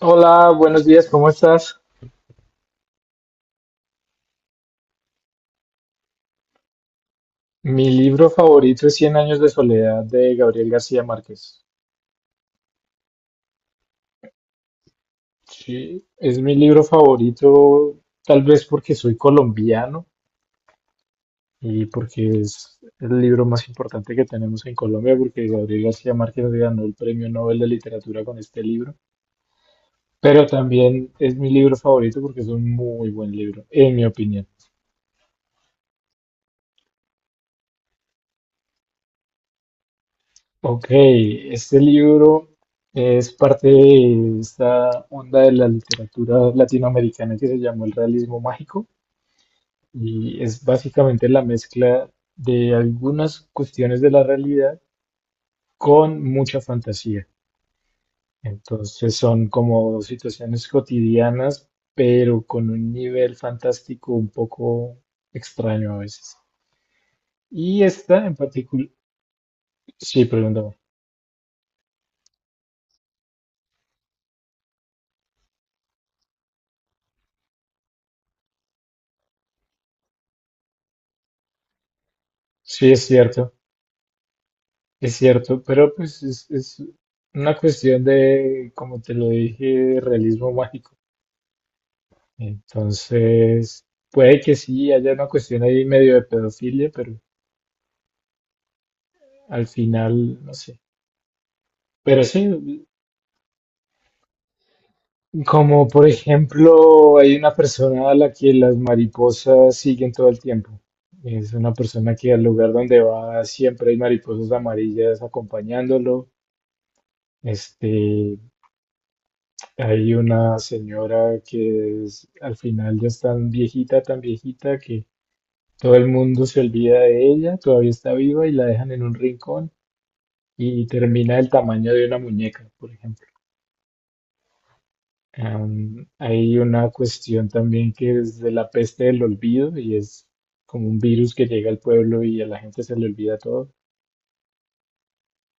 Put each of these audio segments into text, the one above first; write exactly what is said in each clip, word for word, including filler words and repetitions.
Hola, buenos días, ¿cómo estás? Mi libro favorito es Cien años de soledad de Gabriel García Márquez. Sí, es mi libro favorito, tal vez porque soy colombiano y porque es el libro más importante que tenemos en Colombia, porque Gabriel García Márquez ganó el Premio Nobel de Literatura con este libro. Pero también es mi libro favorito porque es un muy buen libro, en mi opinión. Ok, este libro es parte de esta onda de la literatura latinoamericana que se llamó el realismo mágico y es básicamente la mezcla de algunas cuestiones de la realidad con mucha fantasía. Entonces son como situaciones cotidianas, pero con un nivel fantástico un poco extraño a veces. Y esta en particular, sí, pregúntame. Sí, es cierto. Es cierto, pero pues es, es una cuestión de, como te lo dije, de realismo mágico. Entonces, puede que sí haya una cuestión ahí medio de pedofilia, pero al final, no sé. Pero sí, como por ejemplo, hay una persona a la que las mariposas siguen todo el tiempo. Es una persona que al lugar donde va siempre hay mariposas amarillas acompañándolo. Este, Hay una señora que es- al final ya es tan viejita, tan viejita que todo el mundo se olvida de ella, todavía está viva y la dejan en un rincón y termina del tamaño de una muñeca, por ejemplo. Am, hay una cuestión también que es de la peste del olvido y es como un virus que llega al pueblo y a la gente se le olvida todo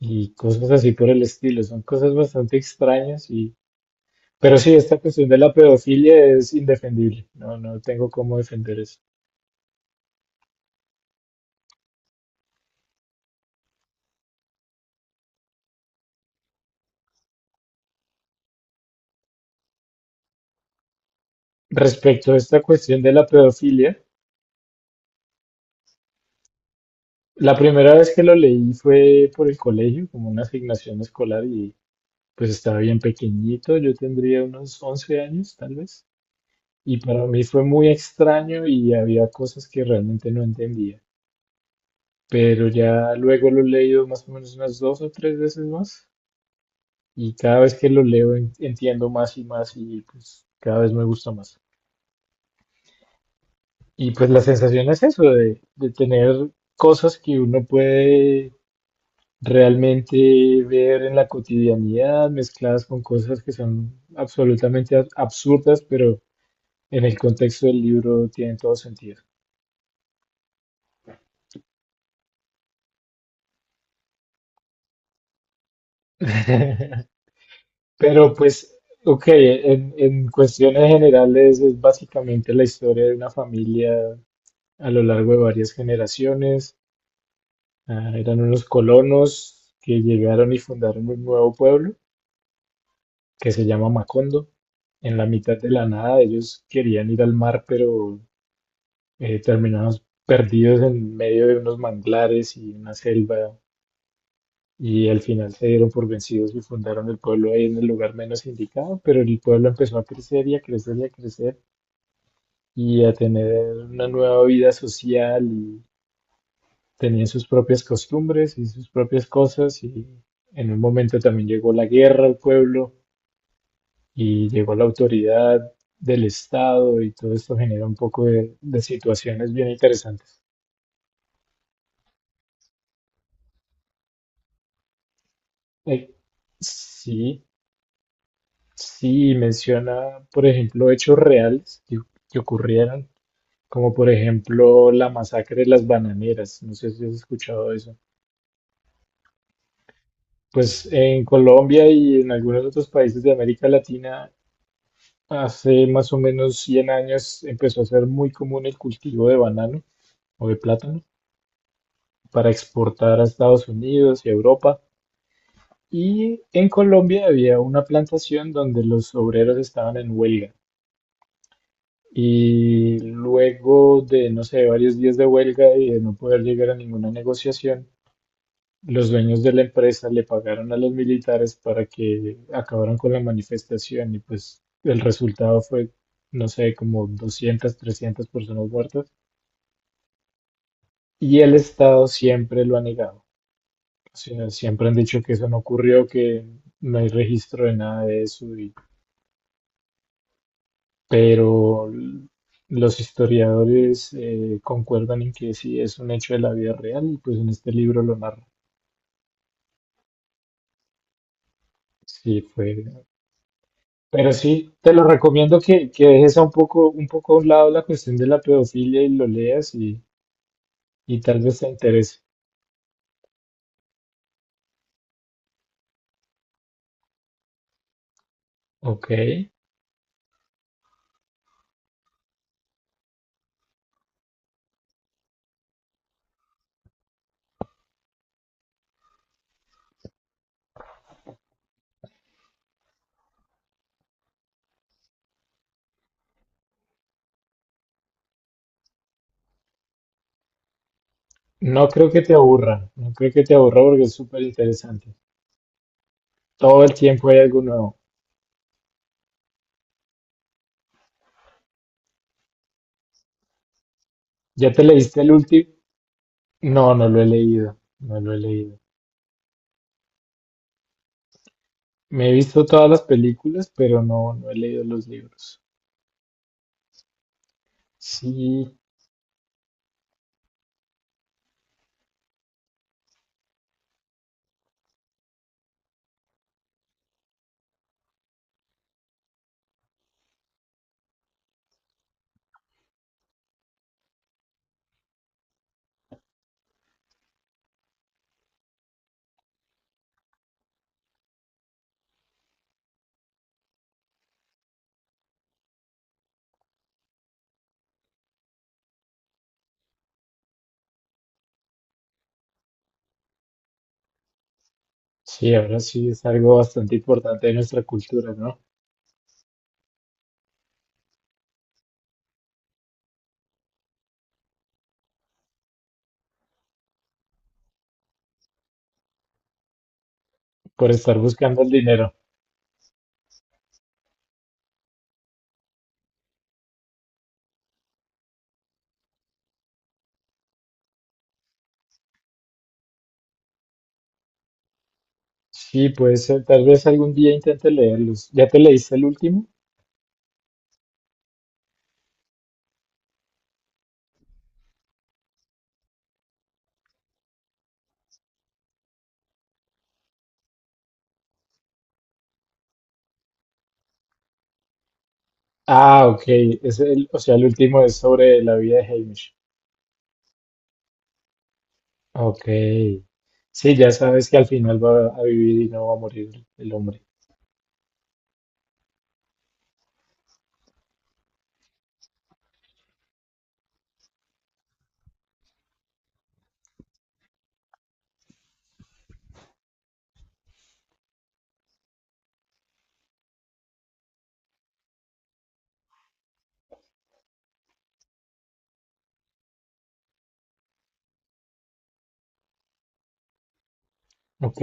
y cosas así por el estilo. Son cosas bastante extrañas y... Pero sí, esta cuestión de la pedofilia es indefendible. No, no tengo cómo defender eso. Respecto a esta cuestión de la pedofilia, la primera vez que lo leí fue por el colegio, como una asignación escolar, y pues estaba bien pequeñito, yo tendría unos once años tal vez, y para mí fue muy extraño y había cosas que realmente no entendía, pero ya luego lo he leído más o menos unas dos o tres veces más, y cada vez que lo leo en- entiendo más y más y pues cada vez me gusta más. Y pues la sensación es eso, de, de tener cosas que uno puede realmente ver en la cotidianidad mezcladas con cosas que son absolutamente ab- absurdas, pero en el contexto del libro tienen todo sentido. Pero pues, ok, en, en cuestiones generales es básicamente la historia de una familia a lo largo de varias generaciones. Ah, eran unos colonos que llegaron y fundaron un nuevo pueblo que se llama Macondo. En la mitad de la nada ellos querían ir al mar, pero eh, terminamos perdidos en medio de unos manglares y una selva y al final se dieron por vencidos y fundaron el pueblo ahí en el lugar menos indicado, pero el pueblo empezó a crecer y a crecer y a crecer y a tener una nueva vida social y tenían sus propias costumbres y sus propias cosas y en un momento también llegó la guerra al pueblo y llegó la autoridad del Estado y todo esto genera un poco de, de situaciones bien interesantes. Eh, Sí, Sí, menciona, por ejemplo, hechos reales que, que ocurrieron, como por ejemplo la masacre de las bananeras. No sé si has escuchado eso. Pues en Colombia y en algunos otros países de América Latina, hace más o menos cien años empezó a ser muy común el cultivo de banano o de plátano para exportar a Estados Unidos y Europa. Y en Colombia había una plantación donde los obreros estaban en huelga. Y luego de, no sé, varios días de huelga y de no poder llegar a ninguna negociación, los dueños de la empresa le pagaron a los militares para que acabaran con la manifestación y pues el resultado fue, no sé, como doscientas trescientas personas muertas. Y el Estado siempre lo ha negado. O sea, siempre han dicho que eso no ocurrió, que no hay registro de nada de eso y pero los historiadores eh, concuerdan en que sí es un hecho de la vida real y pues en este libro lo narra. Sí, fue. Pero sí, te lo recomiendo que, que dejes a un poco, un poco a un lado la cuestión de la pedofilia y lo leas y, y tal vez te interese. Ok. No creo que te aburra, no creo que te aburra porque es súper interesante. Todo el tiempo hay algo nuevo. ¿Ya te leíste el último? No, no lo he leído, no lo he leído. Me he visto todas las películas, pero no, no he leído los libros. Sí, sí, ahora sí es algo bastante importante de nuestra cultura, ¿no? Por estar buscando el dinero. Sí, puede ser, tal vez algún día intente leerlos. ¿Ya te leíste el último? Ah, ok, es el, o sea, el último es sobre la vida de Hamish. Ok. Sí, ya sabes que al final va a vivir y no va a morir el hombre. Ok,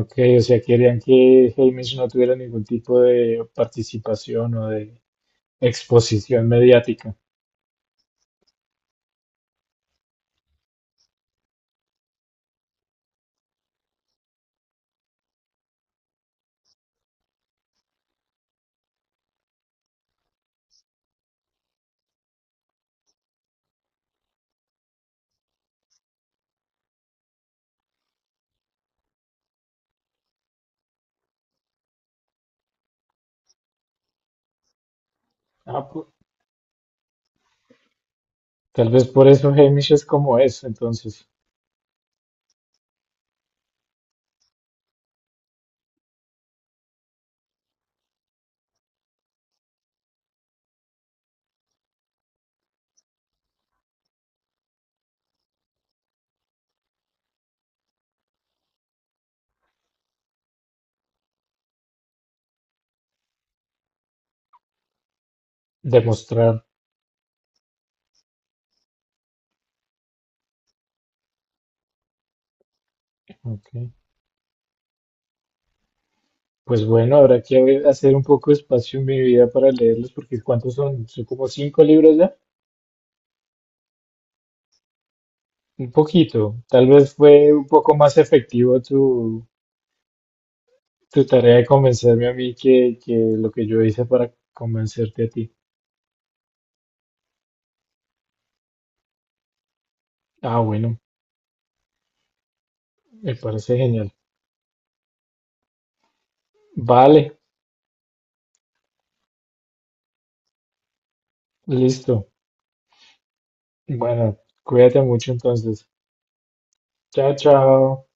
ok, o sea, querían que Hamish no tuviera ningún tipo de participación o de exposición mediática. Ah, pu- Tal vez por eso Hamish es como es, entonces, demostrar. Ok. Pues bueno, habrá que haber- hacer un poco de espacio en mi vida para leerlos, porque ¿cuántos son? Son como cinco libros ya. Un poquito. Tal vez fue un poco más efectivo tu, tu tarea de convencerme a mí que, que lo que yo hice para convencerte a ti. Ah, bueno, me parece genial. Vale, listo. Bueno, cuídate mucho entonces. Chao, chao.